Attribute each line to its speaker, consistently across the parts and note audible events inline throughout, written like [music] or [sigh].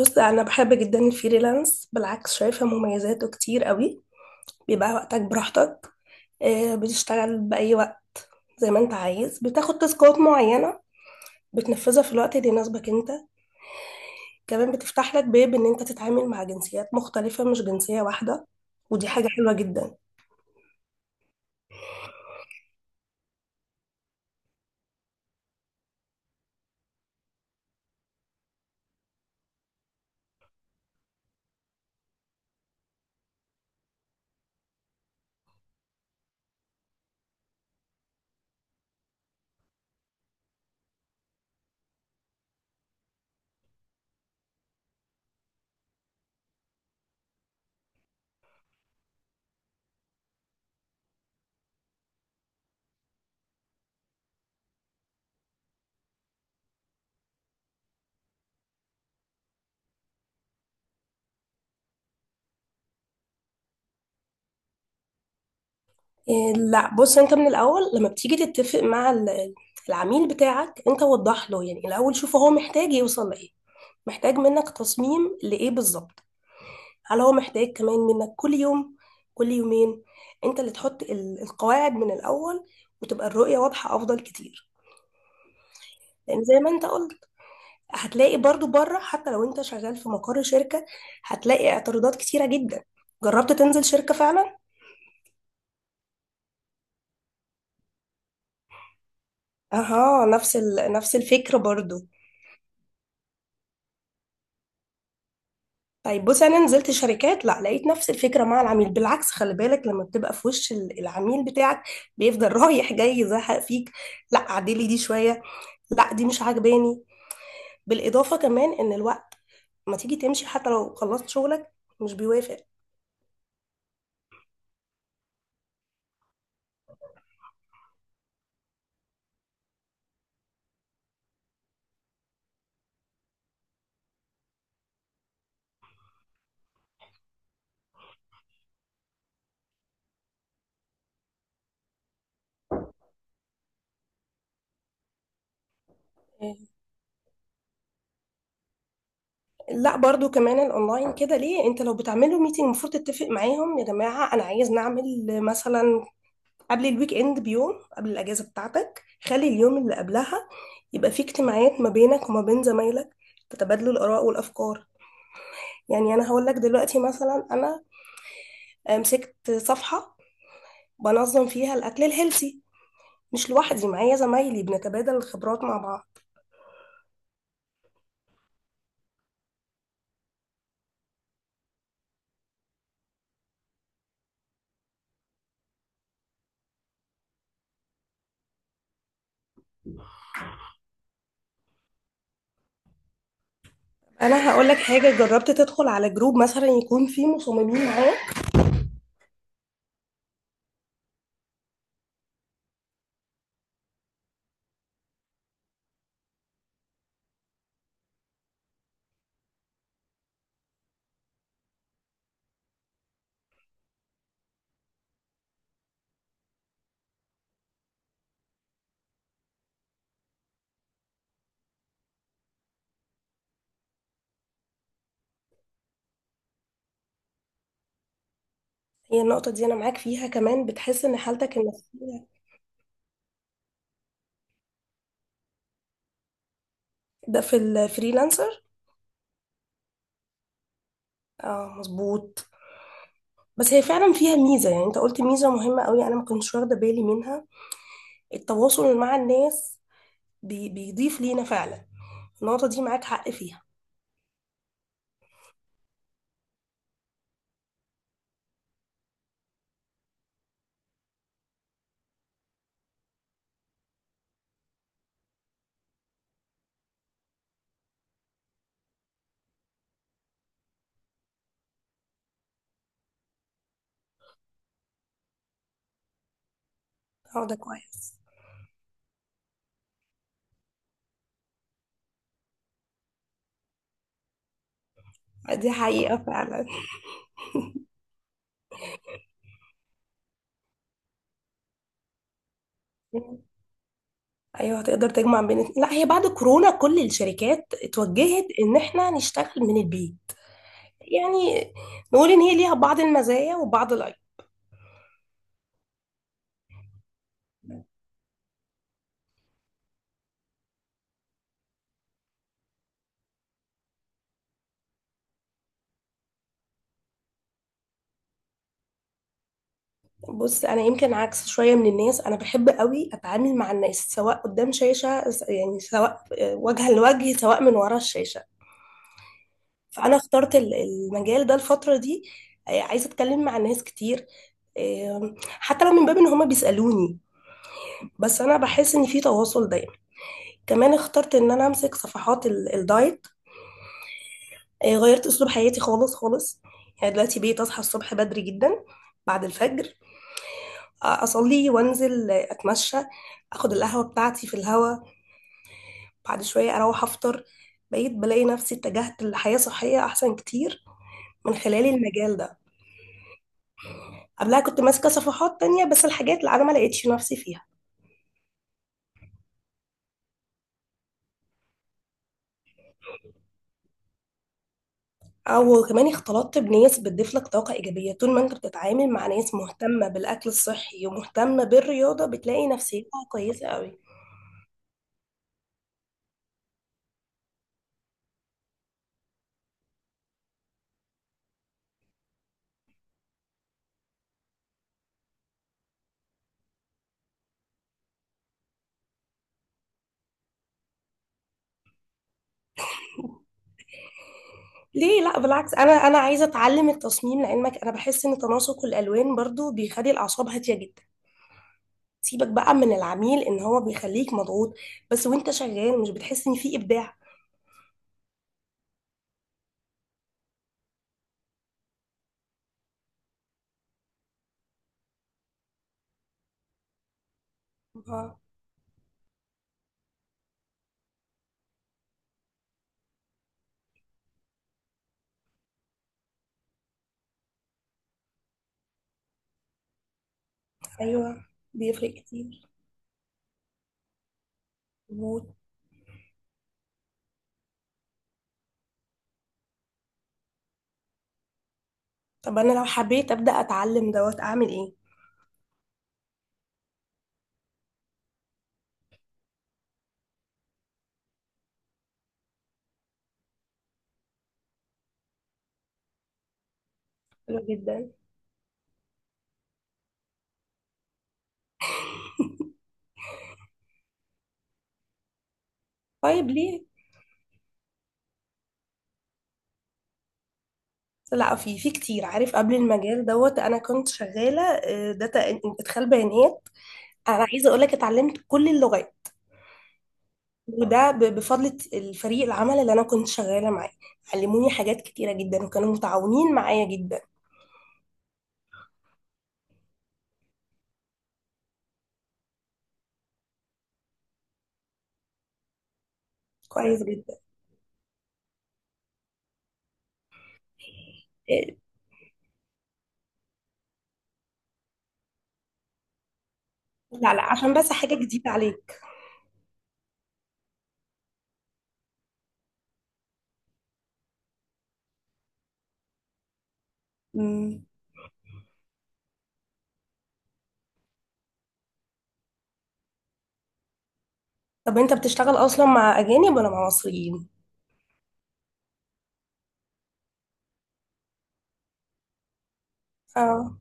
Speaker 1: بص، انا بحب جدا الفريلانس، بالعكس شايفه مميزاته كتير قوي. بيبقى وقتك براحتك. بتشتغل باي وقت زي ما انت عايز. بتاخد تاسكات معينه بتنفذها في الوقت اللي يناسبك انت. كمان بتفتح لك باب ان انت تتعامل مع جنسيات مختلفه، مش جنسيه واحده. ودي حاجه حلوه جدا. لا، بص، انت من الاول لما بتيجي تتفق مع العميل بتاعك، انت وضح له. يعني الاول شوف هو محتاج يوصل لايه، محتاج منك تصميم لايه بالظبط. هل هو محتاج كمان منك كل يوم، كل يومين؟ انت اللي تحط القواعد من الاول، وتبقى الرؤية واضحة، افضل كتير. لان زي ما انت قلت، هتلاقي برضو بره حتى لو انت شغال في مقر شركة، هتلاقي اعتراضات كتيرة جدا. جربت تنزل شركة فعلا؟ اها، نفس الفكرة برضو. طيب، بص، انا نزلت شركات، لا لقيت نفس الفكرة مع العميل، بالعكس، خلي بالك لما بتبقى في وش العميل بتاعك، بيفضل [laughs] رايح جاي يزهق فيك. لا عدلي دي شوية، لا دي مش عاجباني. بالاضافه كمان ان الوقت، ما تيجي تمشي حتى لو خلصت شغلك، مش بيوافق. لا برضو كمان الاونلاين كده، ليه؟ انت لو بتعملوا ميتنج المفروض تتفق معاهم، يا جماعه انا عايز نعمل مثلا قبل الويك اند بيوم، قبل الاجازه بتاعتك خلي اليوم اللي قبلها يبقى فيه اجتماعات ما بينك وما بين زمايلك، تتبادلوا الاراء والافكار. يعني انا هقول لك دلوقتي مثلا، انا مسكت صفحه بنظم فيها الاكل الهيلثي، مش لوحدي، معايا زمايلي بنتبادل الخبرات مع بعض. انا هقول لك حاجه، جربت تدخل على جروب مثلا يكون فيه مصممين معاه؟ هي النقطه دي انا معاك فيها، كمان بتحس ان حالتك النفسيه. ده في الفريلانسر. اه مظبوط. بس هي فعلا فيها ميزه، يعني انت قلت ميزه مهمه قوي انا ما كنتش واخده بالي منها: التواصل مع الناس. بي بيضيف لينا فعلا. النقطه دي معاك حق فيها. اه ده كويس. دي حقيقه فعلا. ايوه، هتقدر تجمع بين، لا هي بعد كورونا كل الشركات اتوجهت ان احنا نشتغل من البيت. يعني نقول ان هي ليها بعض المزايا وبعض العيوب. بص، انا يمكن عكس شويه من الناس، انا بحب قوي اتعامل مع الناس، سواء قدام شاشه يعني سواء وجها لوجه، سواء من ورا الشاشه. فانا اخترت المجال ده الفتره دي. عايزه اتكلم مع الناس كتير. حتى لو من باب ان هما بيسالوني، بس انا بحس ان في تواصل دايما. كمان اخترت ان انا امسك صفحات الدايت. غيرت اسلوب حياتي خالص خالص. يعني دلوقتي بقيت اصحى الصبح بدري جدا، بعد الفجر اصلي وانزل اتمشى، اخد القهوه بتاعتي في الهوا، بعد شويه اروح افطر. بقيت بلاقي نفسي اتجهت لحياه صحيه احسن كتير من خلال المجال ده. قبلها كنت ماسكه صفحات تانية بس الحاجات اللي انا ما لقيتش نفسي فيها. او كمان اختلطت بناس بتضيف لك طاقه ايجابيه، طول ما انت بتتعامل مع ناس مهتمه بالاكل الصحي ومهتمه بالرياضه بتلاقي نفسيتها كويسه قوي. ليه لا؟ بالعكس، انا عايزه اتعلم التصميم لعلمك، انا بحس ان تناسق الالوان برضو بيخلي الاعصاب هاديه جدا. سيبك بقى من العميل ان هو بيخليك مضغوط، بس وانت شغال مش بتحس ان في ابداع؟ آه، ايوه بيفرق كتير. مظبوط. طب انا لو حبيت ابدا اتعلم دوت، اعمل ايه؟ حلو جدا. طيب ليه؟ لا، في كتير عارف. قبل المجال دوت انا كنت شغاله داتا، ادخال بيانات. انا عايزه اقول لك، اتعلمت كل اللغات. وده بفضل الفريق العمل اللي انا كنت شغاله معاه، علموني حاجات كتيره جدا وكانوا متعاونين معايا جدا. كويس جدا. آه، لا لا، عشان بس حاجة جديدة عليك. مم. طب انت بتشتغل اصلا مع اجانب ولا مع مصريين؟ اه.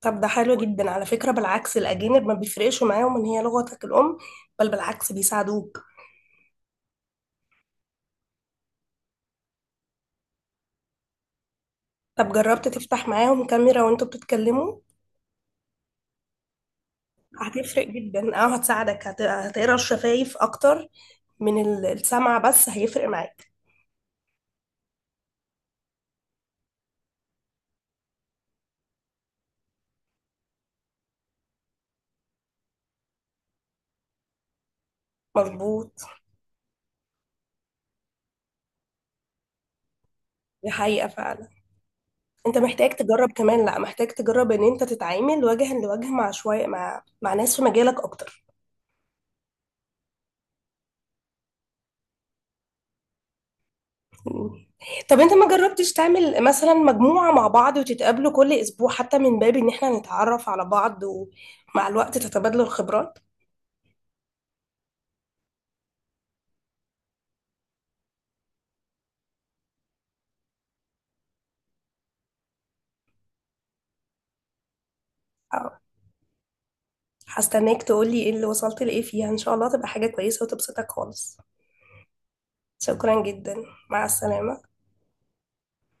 Speaker 1: طب ده حلو جدا على فكرة، بالعكس الاجانب ما بيفرقش معاهم ان هي لغتك الام، بل بالعكس بيساعدوك. طب جربت تفتح معاهم كاميرا وانتوا بتتكلموا؟ هتفرق جدا، اه هتساعدك، هتقرا الشفايف اكتر من السمع، بس هيفرق معاك. مظبوط. دي حقيقة فعلا. انت محتاج تجرب، كمان لا محتاج تجرب ان انت تتعامل وجها لوجه مع شوية، مع ناس في مجالك اكتر. طب انت ما جربتش تعمل مثلا مجموعة مع بعض وتتقابلوا كل اسبوع حتى من باب ان احنا نتعرف على بعض، ومع الوقت تتبادلوا الخبرات. اه، هستناك تقولي ايه اللي وصلت لايه فيها، ان شاء الله تبقى حاجة كويسة وتبسطك خالص. شكرا جدا. مع السلامة.